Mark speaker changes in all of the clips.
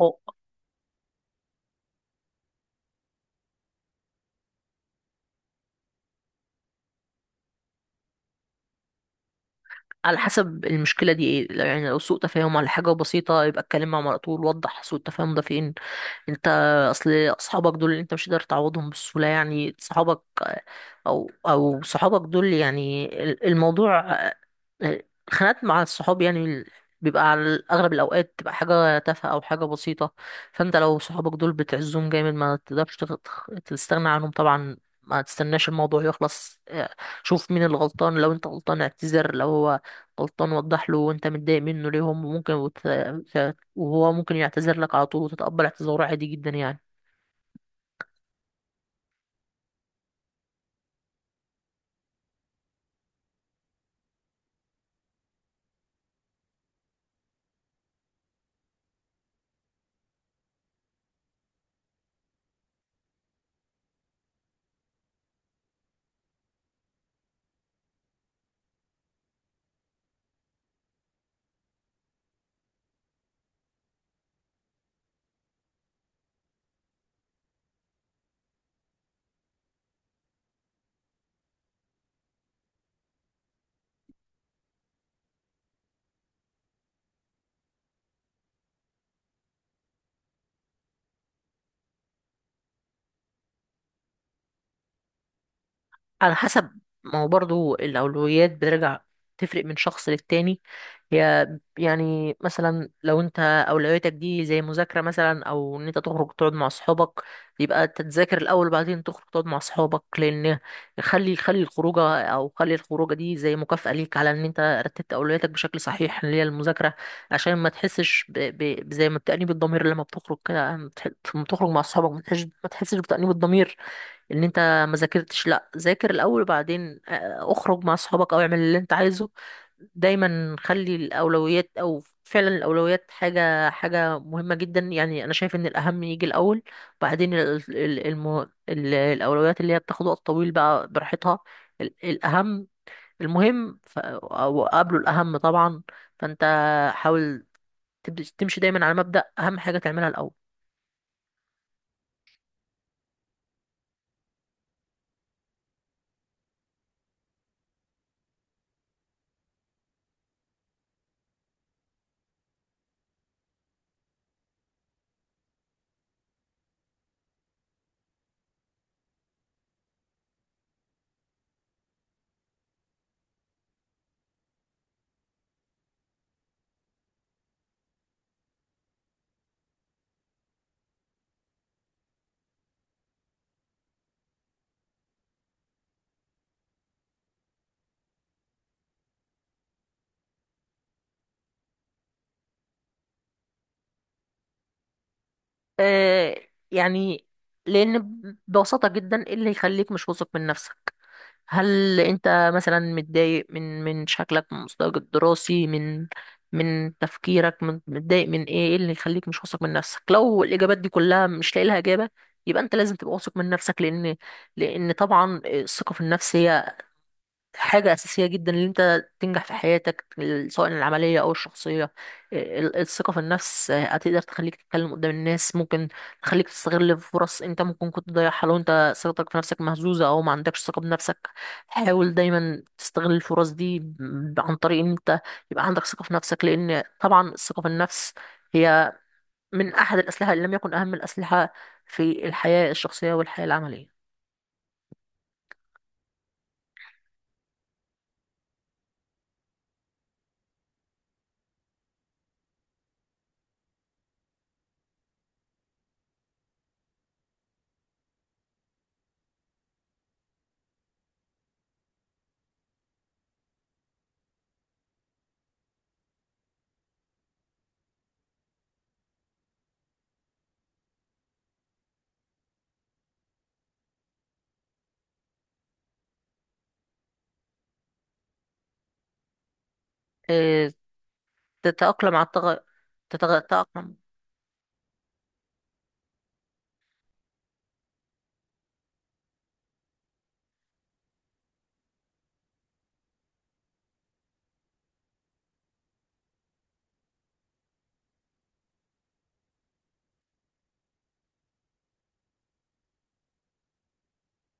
Speaker 1: هو على حسب المشكلة دي ايه. يعني لو سوء تفاهم على حاجة بسيطة يبقى اتكلم مع مرة طول، وضح سوء التفاهم ده فين. انت اصل اصحابك دول اللي انت مش قادر تعوضهم بالسهوله، يعني صحابك او صحابك دول، يعني الموضوع، الخناقات مع الصحاب يعني بيبقى على اغلب الاوقات تبقى حاجه تافهه او حاجه بسيطه. فانت لو صحابك دول بتعزهم جامد ما تقدرش تستغنى عنهم طبعا، ما تستناش الموضوع يخلص. شوف مين اللي غلطان، لو انت غلطان اعتذر، لو هو غلطان وضح له وانت متضايق منه ليه. هم ممكن وهو ممكن يعتذر لك على طول وتتقبل اعتذاره عادي جدا يعني. على حسب، ما هو برضه الأولويات بترجع تفرق من شخص للتاني. هي يعني مثلا لو انت أولوياتك دي زي مذاكرة مثلا أو إن انت تخرج تقعد مع أصحابك، يبقى تتذاكر الأول وبعدين تخرج تقعد مع أصحابك، لأن خلي الخروجة أو خلي الخروجة دي زي مكافأة ليك على إن أنت رتبت أولوياتك بشكل صحيح اللي هي المذاكرة، عشان ما تحسش زي ما بتأنيب الضمير لما بتخرج كده، لما لما بتخرج مع أصحابك ما تحسش بتأنيب الضمير ان انت ما ذاكرتش. لا، ذاكر الاول وبعدين اخرج مع اصحابك او اعمل اللي انت عايزه. دايما خلي الاولويات، او فعلا الاولويات حاجه، مهمه جدا يعني. انا شايف ان الاهم يجي الاول، بعدين الاولويات اللي هي بتاخد وقت طويل بقى براحتها. ال- الاهم المهم او قبله الاهم طبعا. فانت حاول تمشي دايما على مبدأ اهم حاجه تعملها الاول. يعني لأن ببساطة جدا إيه اللي يخليك مش واثق من نفسك؟ هل أنت مثلا متضايق من شكلك، من مستواك الدراسي، من من تفكيرك، من، متضايق من إيه؟ إيه اللي يخليك مش واثق من نفسك؟ لو الإجابات دي كلها مش لاقي لها إجابة، يبقى أنت لازم تبقى واثق من نفسك. لأن طبعا الثقة في النفس هي حاجة أساسية جدا إن أنت تنجح في حياتك، سواء العملية أو الشخصية. الثقة في النفس هتقدر تخليك تتكلم قدام الناس، ممكن تخليك تستغل فرص أنت ممكن كنت تضيعها لو أنت ثقتك في نفسك مهزوزة أو ما عندكش ثقة بنفسك. حاول دايما تستغل الفرص دي عن طريق إن أنت يبقى عندك ثقة في نفسك، لأن طبعا الثقة في النفس هي من أحد الأسلحة إن لم يكن أهم الأسلحة في الحياة الشخصية والحياة العملية. إيه، تتأقلم على التغير؟ تتأقلم.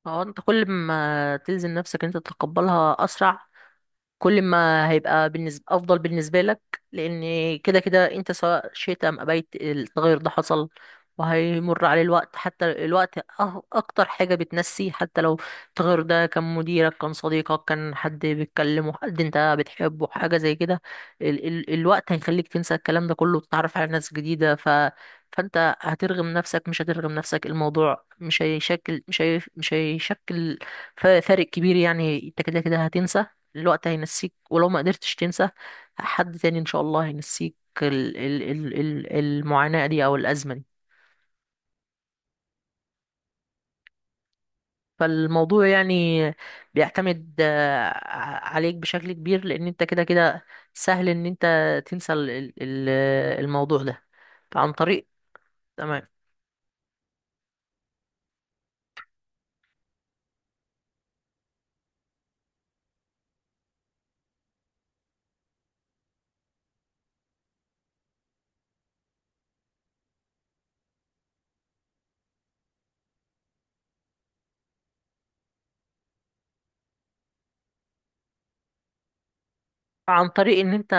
Speaker 1: هو انت كل ما تلزم نفسك انت تتقبلها اسرع، كل ما هيبقى بالنسبة أفضل بالنسبة لك، لأن كده كده أنت سواء شئت أم أبيت التغير ده حصل، وهيمر عليه الوقت. حتى الوقت أكتر حاجة بتنسي. حتى لو التغير ده كان مديرك، كان صديقك، كان حد بتكلمه، حد أنت بتحبه، حاجة زي كده، ال ال الوقت هيخليك تنسى الكلام ده كله وتتعرف على ناس جديدة. فأنت هترغم نفسك مش هترغم نفسك. الموضوع مش هيشكل فارق كبير يعني. أنت كده كده هتنسى، الوقت هينسيك، ولو ما قدرتش تنسى حد تاني ان شاء الله هينسيك ال ال ال ال المعاناة دي او الازمة دي. فالموضوع يعني بيعتمد عليك بشكل كبير، لان انت كده كده سهل ان انت تنسى الموضوع ده. عن طريق، تمام. عن طريق ان انت،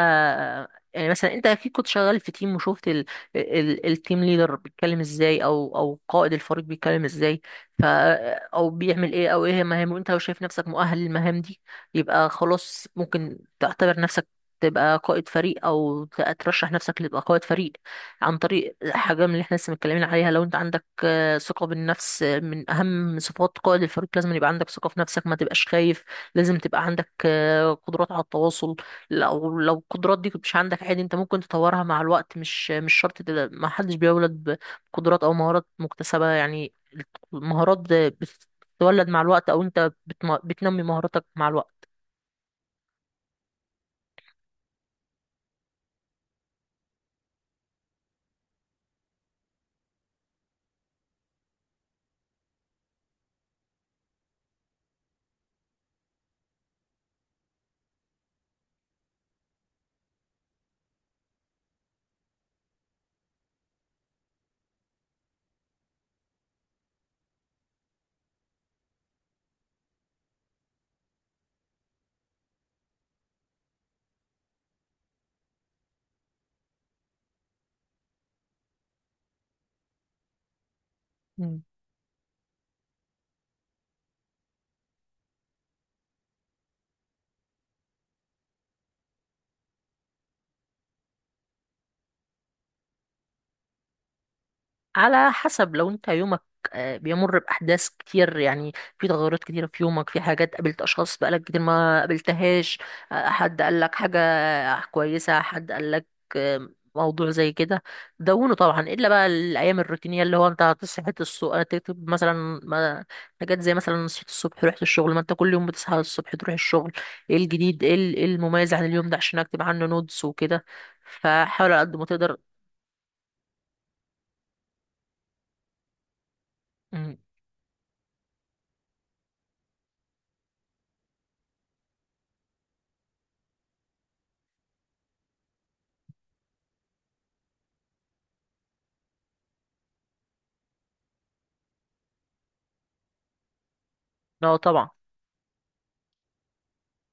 Speaker 1: يعني مثلا انت اكيد كنت شغال في تيم وشفت التيم ليدر بيتكلم ازاي، او قائد الفريق بيتكلم ازاي. ف او بيعمل ايه، او ايه مهامه. انت لو شايف نفسك مؤهل للمهام دي يبقى خلاص، ممكن تعتبر نفسك تبقى قائد فريق، او ترشح نفسك لتبقى قائد فريق، عن طريق حاجه من اللي احنا لسه متكلمين عليها. لو انت عندك ثقه بالنفس، من اهم صفات قائد الفريق لازم يبقى عندك ثقه في نفسك، ما تبقاش خايف. لازم تبقى عندك قدرات على التواصل. لو القدرات دي مش عندك عادي، انت ممكن تطورها مع الوقت، مش شرط تبقى-، ما حدش بيولد بقدرات او مهارات مكتسبة يعني. المهارات بتتولد مع الوقت، او انت بتنمي مهاراتك مع الوقت. على حسب، لو انت يومك بيمر بأحداث كتير يعني، في تغيرات كتيرة في يومك، في حاجات، قابلت أشخاص بقالك كتير ما قابلتهاش، حد قالك حاجة كويسة، حد قالك آه، موضوع زي كده، دونه طبعا. إلا بقى الأيام الروتينية اللي هو انت هتصحى الصبح تكتب مثلا ما- حاجات زي مثلا صحيت الصبح رحت الشغل، ما انت كل يوم بتصحى الصبح تروح الشغل. ايه الجديد، ايه إيه المميز عن اليوم ده عشان أكتب عنه نوتس وكده. فحاول على قد ما تقدر. مم. اه طبعا،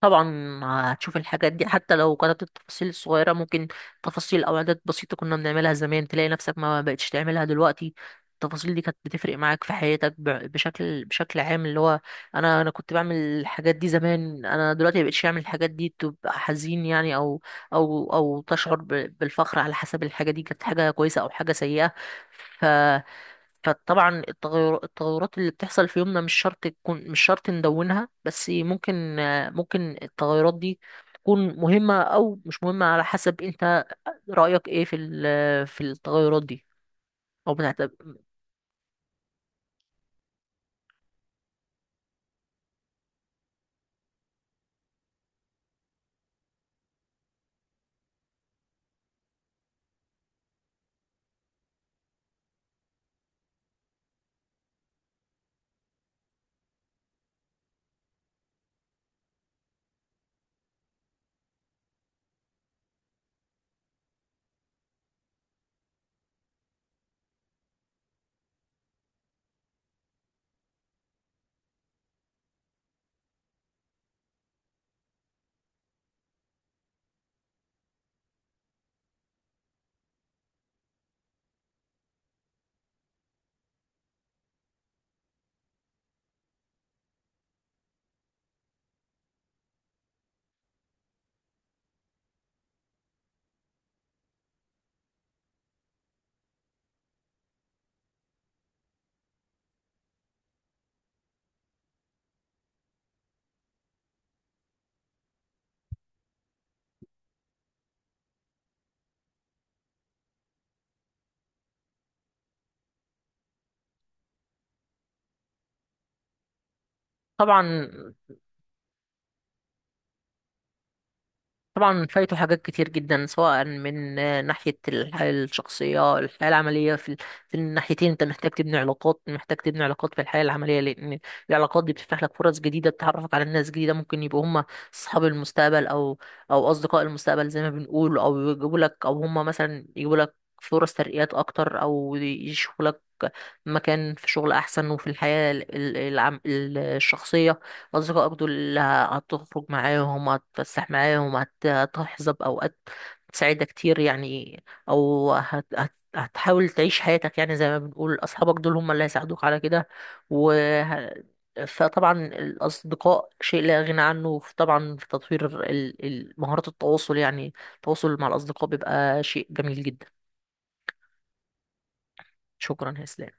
Speaker 1: طبعا هتشوف الحاجات دي. حتى لو كانت التفاصيل الصغيرة، ممكن تفاصيل أو عادات بسيطة كنا بنعملها زمان تلاقي نفسك ما بقتش تعملها دلوقتي، التفاصيل دي كانت بتفرق معاك في حياتك بشكل عام، اللي هو أنا كنت بعمل الحاجات دي زمان، أنا دلوقتي مبقتش أعمل الحاجات دي، تبقى حزين يعني، أو تشعر بالفخر، على حسب الحاجة دي كانت حاجة كويسة أو حاجة سيئة. فطبعا التغيرات اللي بتحصل في يومنا مش شرط تكون، مش شرط ندونها، بس ممكن التغيرات دي تكون مهمة أو مش مهمة على حسب أنت رأيك إيه في في التغيرات دي، أو بتعتبر. طبعا، طبعا فايته حاجات كتير جدا، سواء من ناحية الحياة الشخصية، الحياة العملية. في في الناحيتين انت محتاج تبني علاقات، محتاج تبني علاقات في الحياة العملية، لأن العلاقات دي بتفتح لك فرص جديدة، بتعرفك على ناس جديدة ممكن يبقوا هم أصحاب المستقبل، أو أو أصدقاء المستقبل زي ما بنقول، أو يجيبوا لك، أو هم مثلا يجيبوا لك فرص ترقيات أكتر، أو يشوفوا لك مكان في شغل أحسن. وفي الحياة الشخصية، أصدقائك دول اللي هتخرج معاهم، هتتفسح معاهم، هتحظى بأوقات سعيدة كتير يعني، أو هتحاول تعيش حياتك يعني زي ما بنقول، أصحابك دول هم اللي هيساعدوك على كده. و فطبعا الأصدقاء شيء لا غنى عنه طبعا في تطوير مهارات التواصل، يعني التواصل مع الأصدقاء بيبقى شيء جميل جدا. شكرا يا إسلام.